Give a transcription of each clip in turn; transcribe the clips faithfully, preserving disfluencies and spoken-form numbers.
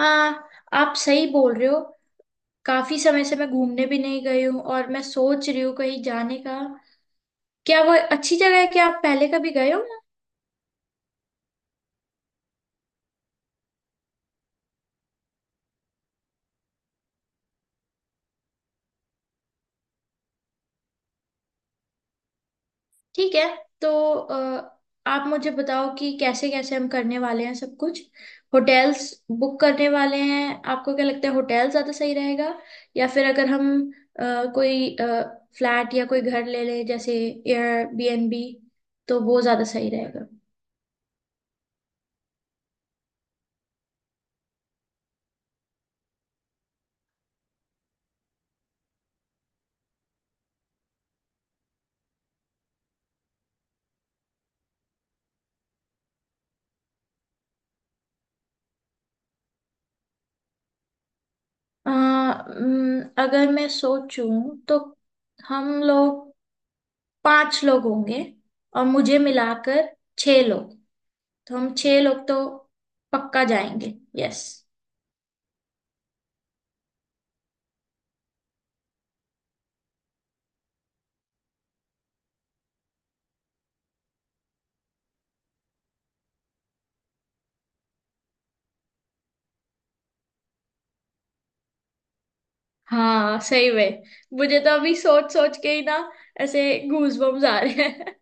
हाँ, आप सही बोल रहे हो। काफी समय से मैं घूमने भी नहीं गई हूँ और मैं सोच रही हूँ कहीं जाने का। क्या वो अच्छी जगह है? क्या आप पहले कभी गए हो? ठीक है। तो अ, आप मुझे बताओ कि कैसे कैसे हम करने वाले हैं सब कुछ। होटल्स बुक करने वाले हैं। आपको क्या लगता है, होटल ज्यादा सही रहेगा, या फिर अगर हम अ, कोई फ्लैट या कोई घर ले लें, जैसे एयरबीएनबी, तो वो ज्यादा सही रहेगा? अ, अम, अगर मैं सोचूं तो हम लोग पांच लोग होंगे, और मुझे मिलाकर छह लोग। तो हम छह लोग तो पक्का जाएंगे। यस। हाँ, सही में। मुझे तो अभी सोच सोच के ही ना, ऐसे गूज बम्स आ रहे हैं।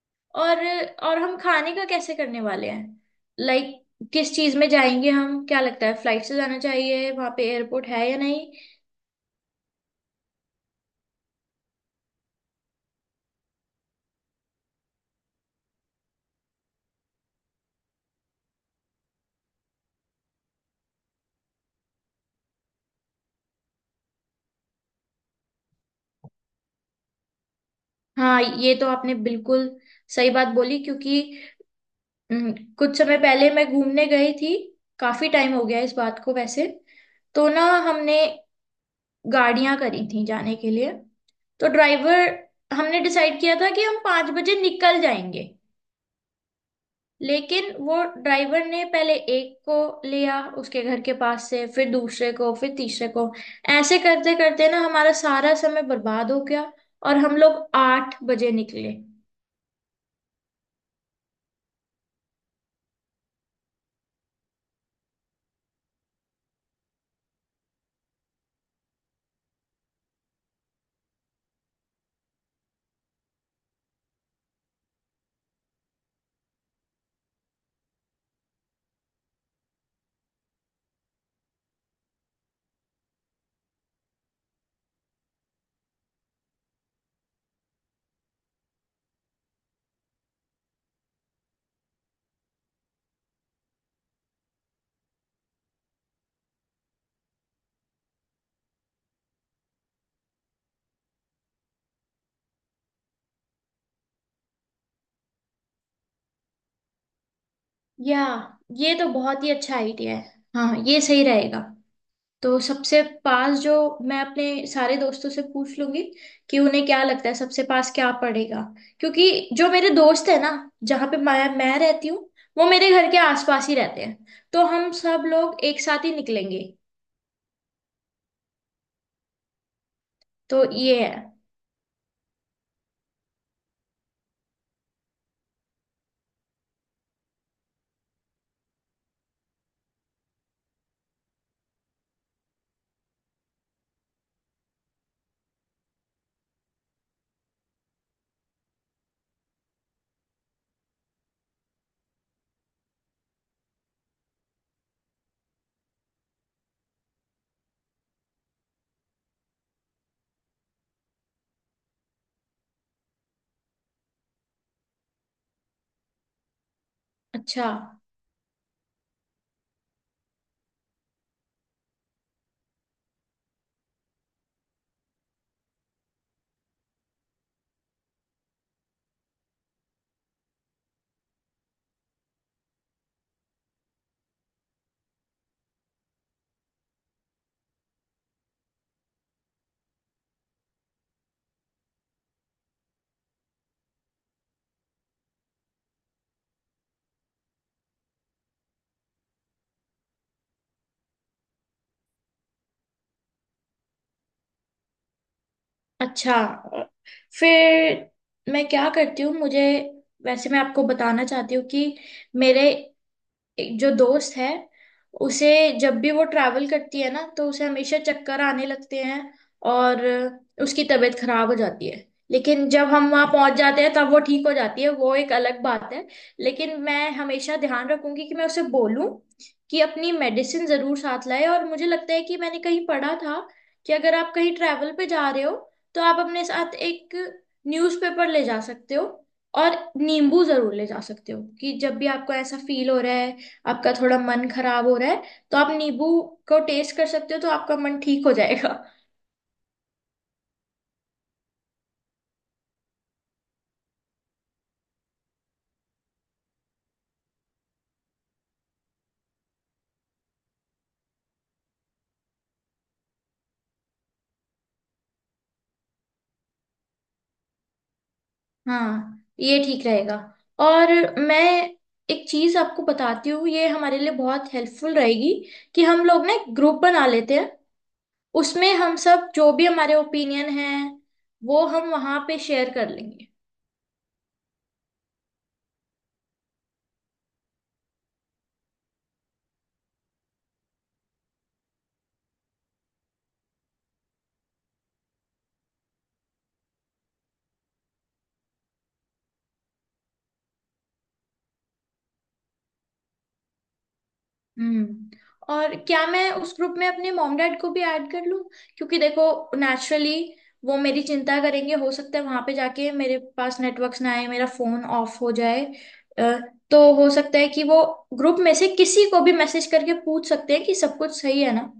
और और हम खाने का कैसे करने वाले हैं। लाइक, like, किस चीज में जाएंगे हम? क्या लगता है, फ्लाइट से जाना चाहिए? वहां पे एयरपोर्ट है या नहीं? हाँ, ये तो आपने बिल्कुल सही बात बोली। क्योंकि हम्म, कुछ समय पहले मैं घूमने गई थी। काफी टाइम हो गया इस बात को वैसे। तो ना, हमने गाड़ियां करी थी जाने के लिए। तो ड्राइवर, हमने डिसाइड किया था कि हम पाँच बजे निकल जाएंगे। लेकिन वो ड्राइवर ने पहले एक को लिया उसके घर के पास से, फिर दूसरे को, फिर तीसरे को। ऐसे करते करते ना हमारा सारा समय बर्बाद हो गया, और हम लोग आठ बजे निकले। या, ये तो बहुत ही अच्छा आइडिया है। हाँ, ये सही रहेगा। तो सबसे पास जो, मैं अपने सारे दोस्तों से पूछ लूंगी कि उन्हें क्या लगता है, सबसे पास क्या पड़ेगा। क्योंकि जो मेरे दोस्त है ना, जहाँ पे मैं मैं रहती हूँ, वो मेरे घर के आसपास ही रहते हैं। तो हम सब लोग एक साथ ही निकलेंगे। तो ये है। अच्छा। अच्छा। फिर मैं क्या करती हूँ, मुझे, वैसे मैं आपको बताना चाहती हूँ कि मेरे एक जो दोस्त है, उसे जब भी वो ट्रैवल करती है ना, तो उसे हमेशा चक्कर आने लगते हैं, और उसकी तबीयत खराब हो जाती है। लेकिन जब हम वहां पहुंच जाते हैं, तब वो ठीक हो जाती है, वो एक अलग बात है। लेकिन मैं हमेशा ध्यान रखूंगी कि मैं उसे बोलूं कि अपनी मेडिसिन जरूर साथ लाए। और मुझे लगता है कि मैंने कहीं पढ़ा था कि अगर आप कहीं ट्रैवल पे जा रहे हो, तो आप अपने साथ एक न्यूज़पेपर ले जा सकते हो, और नींबू जरूर ले जा सकते हो। कि जब भी आपको ऐसा फील हो रहा है, आपका थोड़ा मन खराब हो रहा है, तो आप नींबू को टेस्ट कर सकते हो, तो आपका मन ठीक हो जाएगा। हाँ, ये ठीक रहेगा। और मैं एक चीज आपको बताती हूँ, ये हमारे लिए बहुत हेल्पफुल रहेगी। कि हम लोग ना एक ग्रुप बना लेते हैं, उसमें हम सब जो भी हमारे ओपिनियन हैं, वो हम वहां पे शेयर कर लेंगे। हम्म। और क्या मैं उस ग्रुप में अपने मॉम डैड को भी ऐड कर लूं? क्योंकि देखो, नेचुरली वो मेरी चिंता करेंगे। हो सकता है वहां पे जाके मेरे पास नेटवर्क्स ना आए, मेरा फोन ऑफ हो जाए। अ, तो हो सकता है कि वो ग्रुप में से किसी को भी मैसेज करके पूछ सकते हैं कि सब कुछ सही है ना।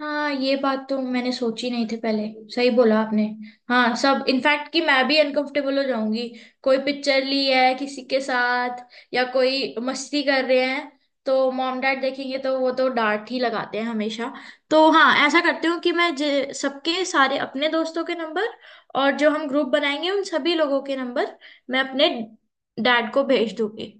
हाँ, ये बात तो मैंने सोची नहीं थी पहले। सही बोला आपने। हाँ, सब, इनफैक्ट कि मैं भी अनकंफर्टेबल हो जाऊंगी। कोई पिक्चर ली है किसी के साथ, या कोई मस्ती कर रहे हैं, तो मॉम डैड देखेंगे, तो वो तो डांट ही लगाते हैं हमेशा। तो हाँ, ऐसा करती हूँ कि मैं जे- सबके सारे अपने दोस्तों के नंबर, और जो हम ग्रुप बनाएंगे उन सभी लोगों के नंबर मैं अपने डैड को भेज दूंगी।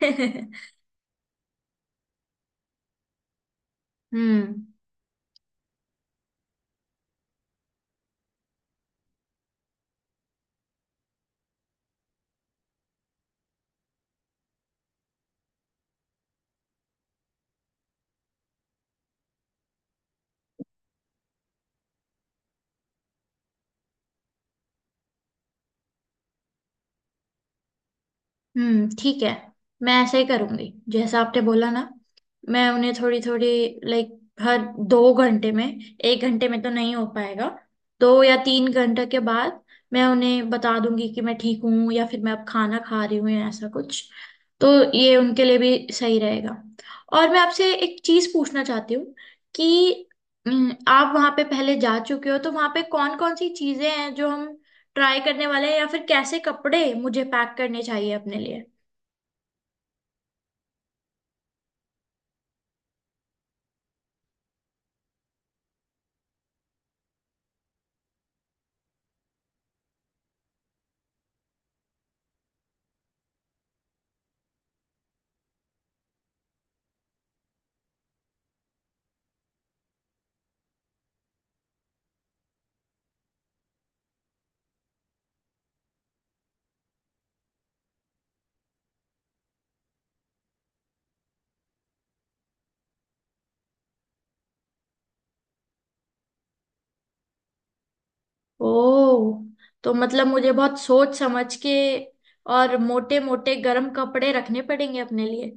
हम्म। हम्म, ठीक है। मैं ऐसे ही करूंगी, जैसा आपने बोला ना। मैं उन्हें थोड़ी थोड़ी, लाइक, हर दो घंटे में, एक घंटे में तो नहीं हो पाएगा, दो या तीन घंटे के बाद मैं उन्हें बता दूंगी कि मैं ठीक हूँ, या फिर मैं अब खाना खा रही हूँ, या ऐसा कुछ। तो ये उनके लिए भी सही रहेगा। और मैं आपसे एक चीज पूछना चाहती हूँ कि हम्म, आप वहाँ पे पहले जा चुके हो, तो वहाँ पे कौन कौन सी चीजें हैं जो हम ट्राई करने वाले हैं, या फिर कैसे कपड़े मुझे पैक करने चाहिए अपने लिए? ओ, तो मतलब मुझे बहुत सोच समझ के और मोटे मोटे गर्म कपड़े रखने पड़ेंगे अपने लिए।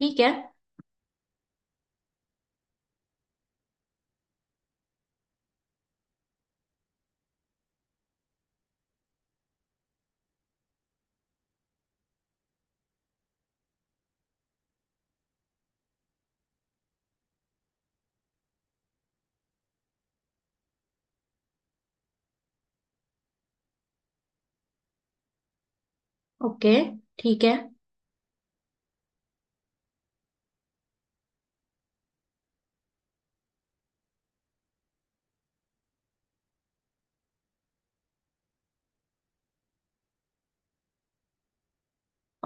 ठीक है। ओके। ठीक है।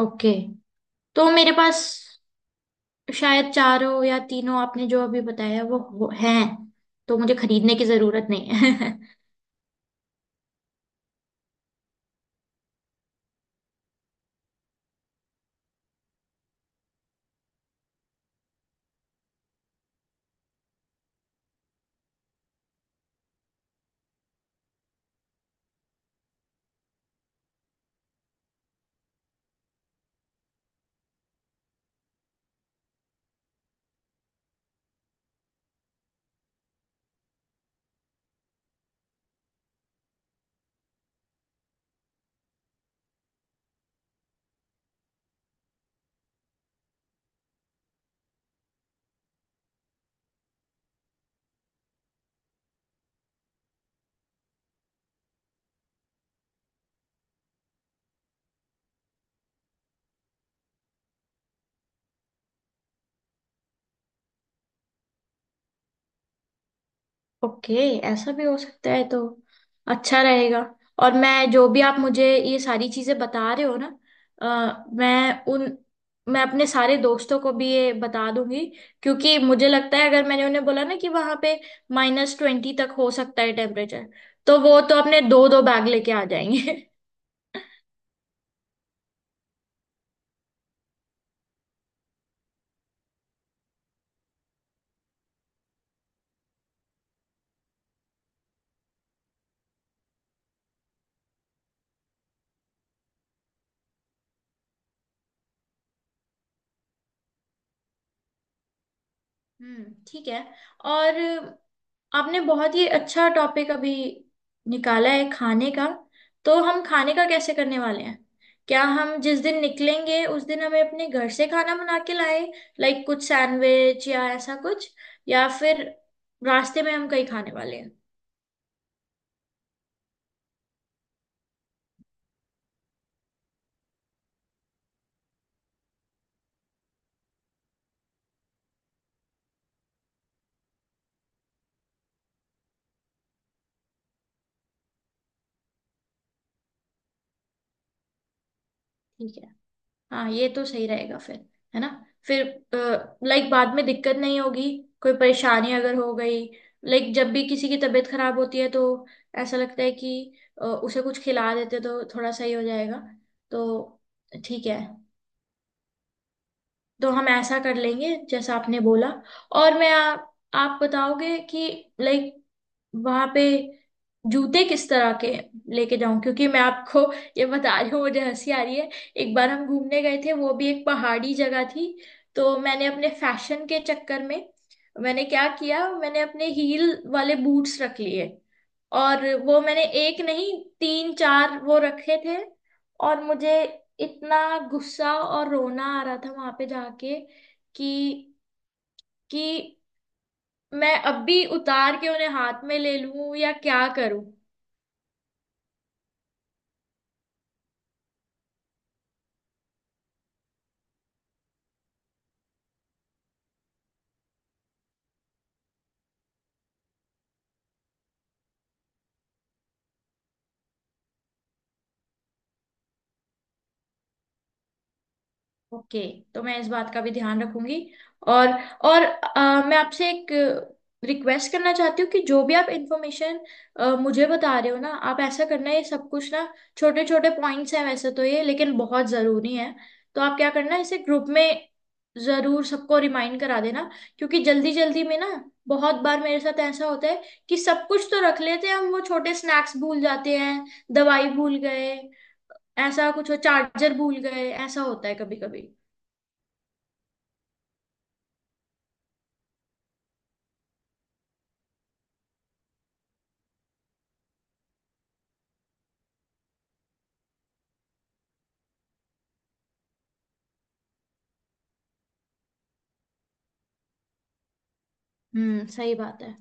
ओके, तो मेरे पास शायद चारों या तीनों आपने जो अभी बताया वो, वो हैं। तो मुझे खरीदने की जरूरत नहीं है। ओके, ऐसा भी हो सकता है, तो अच्छा रहेगा। और मैं, जो भी आप मुझे ये सारी चीजें बता रहे हो ना, अ, मैं उन, मैं अपने सारे दोस्तों को भी ये बता दूंगी। क्योंकि मुझे लगता है, अगर मैंने उन्हें बोला ना कि वहां पे माइनस ट्वेंटी तक हो सकता है टेम्परेचर, तो वो तो अपने दो दो बैग लेके आ जाएंगे। हम्म, ठीक है। और आपने बहुत ही अच्छा टॉपिक अभी निकाला है खाने का। तो हम खाने का कैसे करने वाले हैं? क्या हम जिस दिन निकलेंगे, उस दिन हमें अपने घर से खाना बना के लाए? लाइक, कुछ सैंडविच या ऐसा कुछ, या फिर रास्ते में हम कहीं खाने वाले हैं? ठीक है। हाँ, ये तो सही रहेगा फिर, है ना? फिर, लाइक, बाद में दिक्कत नहीं होगी कोई परेशानी अगर हो गई। लाइक, जब भी किसी की तबीयत खराब होती है, तो ऐसा लगता है कि अ, उसे कुछ खिला देते तो थोड़ा सही हो जाएगा। तो ठीक है। तो हम ऐसा कर लेंगे जैसा आपने बोला। और मैं आ, आप बताओगे कि लाइक, वहां पे जूते किस तरह के लेके जाऊं? क्योंकि मैं आपको ये बता रही हूँ, मुझे हंसी आ रही है। एक बार हम घूमने गए थे, वो भी एक पहाड़ी जगह थी। तो मैंने अपने फैशन के चक्कर में, मैंने क्या किया, मैंने अपने हील वाले बूट्स रख लिए। और वो मैंने एक नहीं, तीन चार वो रखे थे। और मुझे इतना गुस्सा और रोना आ रहा था वहां पे जाके कि कि मैं अब भी उतार के उन्हें हाथ में ले लूं या क्या करूं। ओके, तो मैं इस बात का भी ध्यान रखूंगी। और और अ, मैं आपसे एक रिक्वेस्ट करना चाहती हूँ कि जो भी आप इंफॉर्मेशन मुझे बता रहे हो ना, आप ऐसा करना, ये सब कुछ ना छोटे छोटे पॉइंट्स हैं वैसे तो ये, लेकिन बहुत ज़रूरी है। तो आप क्या करना, इसे ग्रुप में ज़रूर सबको रिमाइंड करा देना। क्योंकि जल्दी जल्दी में ना, बहुत बार मेरे साथ ऐसा होता है कि सब कुछ तो रख लेते हैं हम, वो छोटे स्नैक्स भूल जाते हैं, दवाई भूल गए, ऐसा कुछ हो, चार्जर भूल गए, ऐसा होता है कभी कभी। हम्म, सही बात है।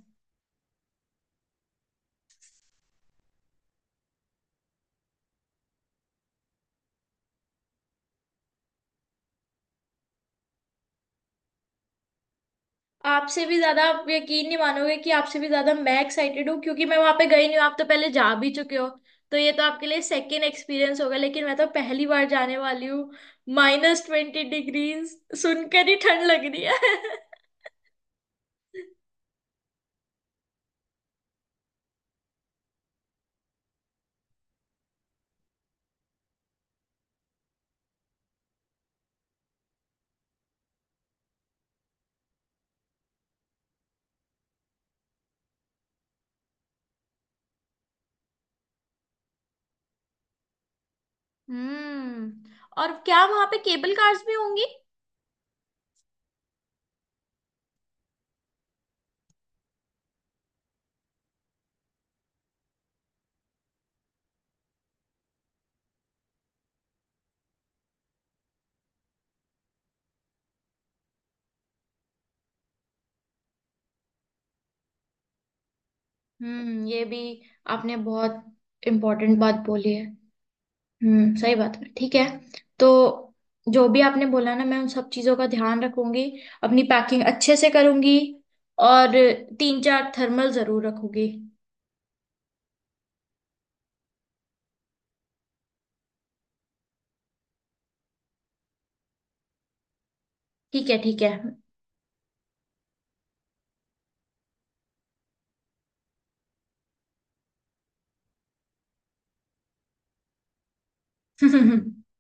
आपसे भी ज्यादा, आप यकीन नहीं मानोगे कि आपसे भी ज्यादा मैं एक्साइटेड हूँ। क्योंकि मैं वहां पे गई नहीं हूँ, आप तो पहले जा भी चुके हो। तो ये तो आपके लिए सेकेंड एक्सपीरियंस होगा, लेकिन मैं तो पहली बार जाने वाली हूँ। माइनस ट्वेंटी डिग्री सुनकर ही ठंड लग रही है। हम्म, और क्या वहां पे केबल कार्स भी होंगी? हम्म, ये भी आपने बहुत इम्पोर्टेंट बात बोली है। हम्म, सही बात है। ठीक है। तो जो भी आपने बोला ना, मैं उन सब चीजों का ध्यान रखूंगी। अपनी पैकिंग अच्छे से करूंगी, और तीन चार थर्मल जरूर रखूंगी। ठीक है। ठीक है।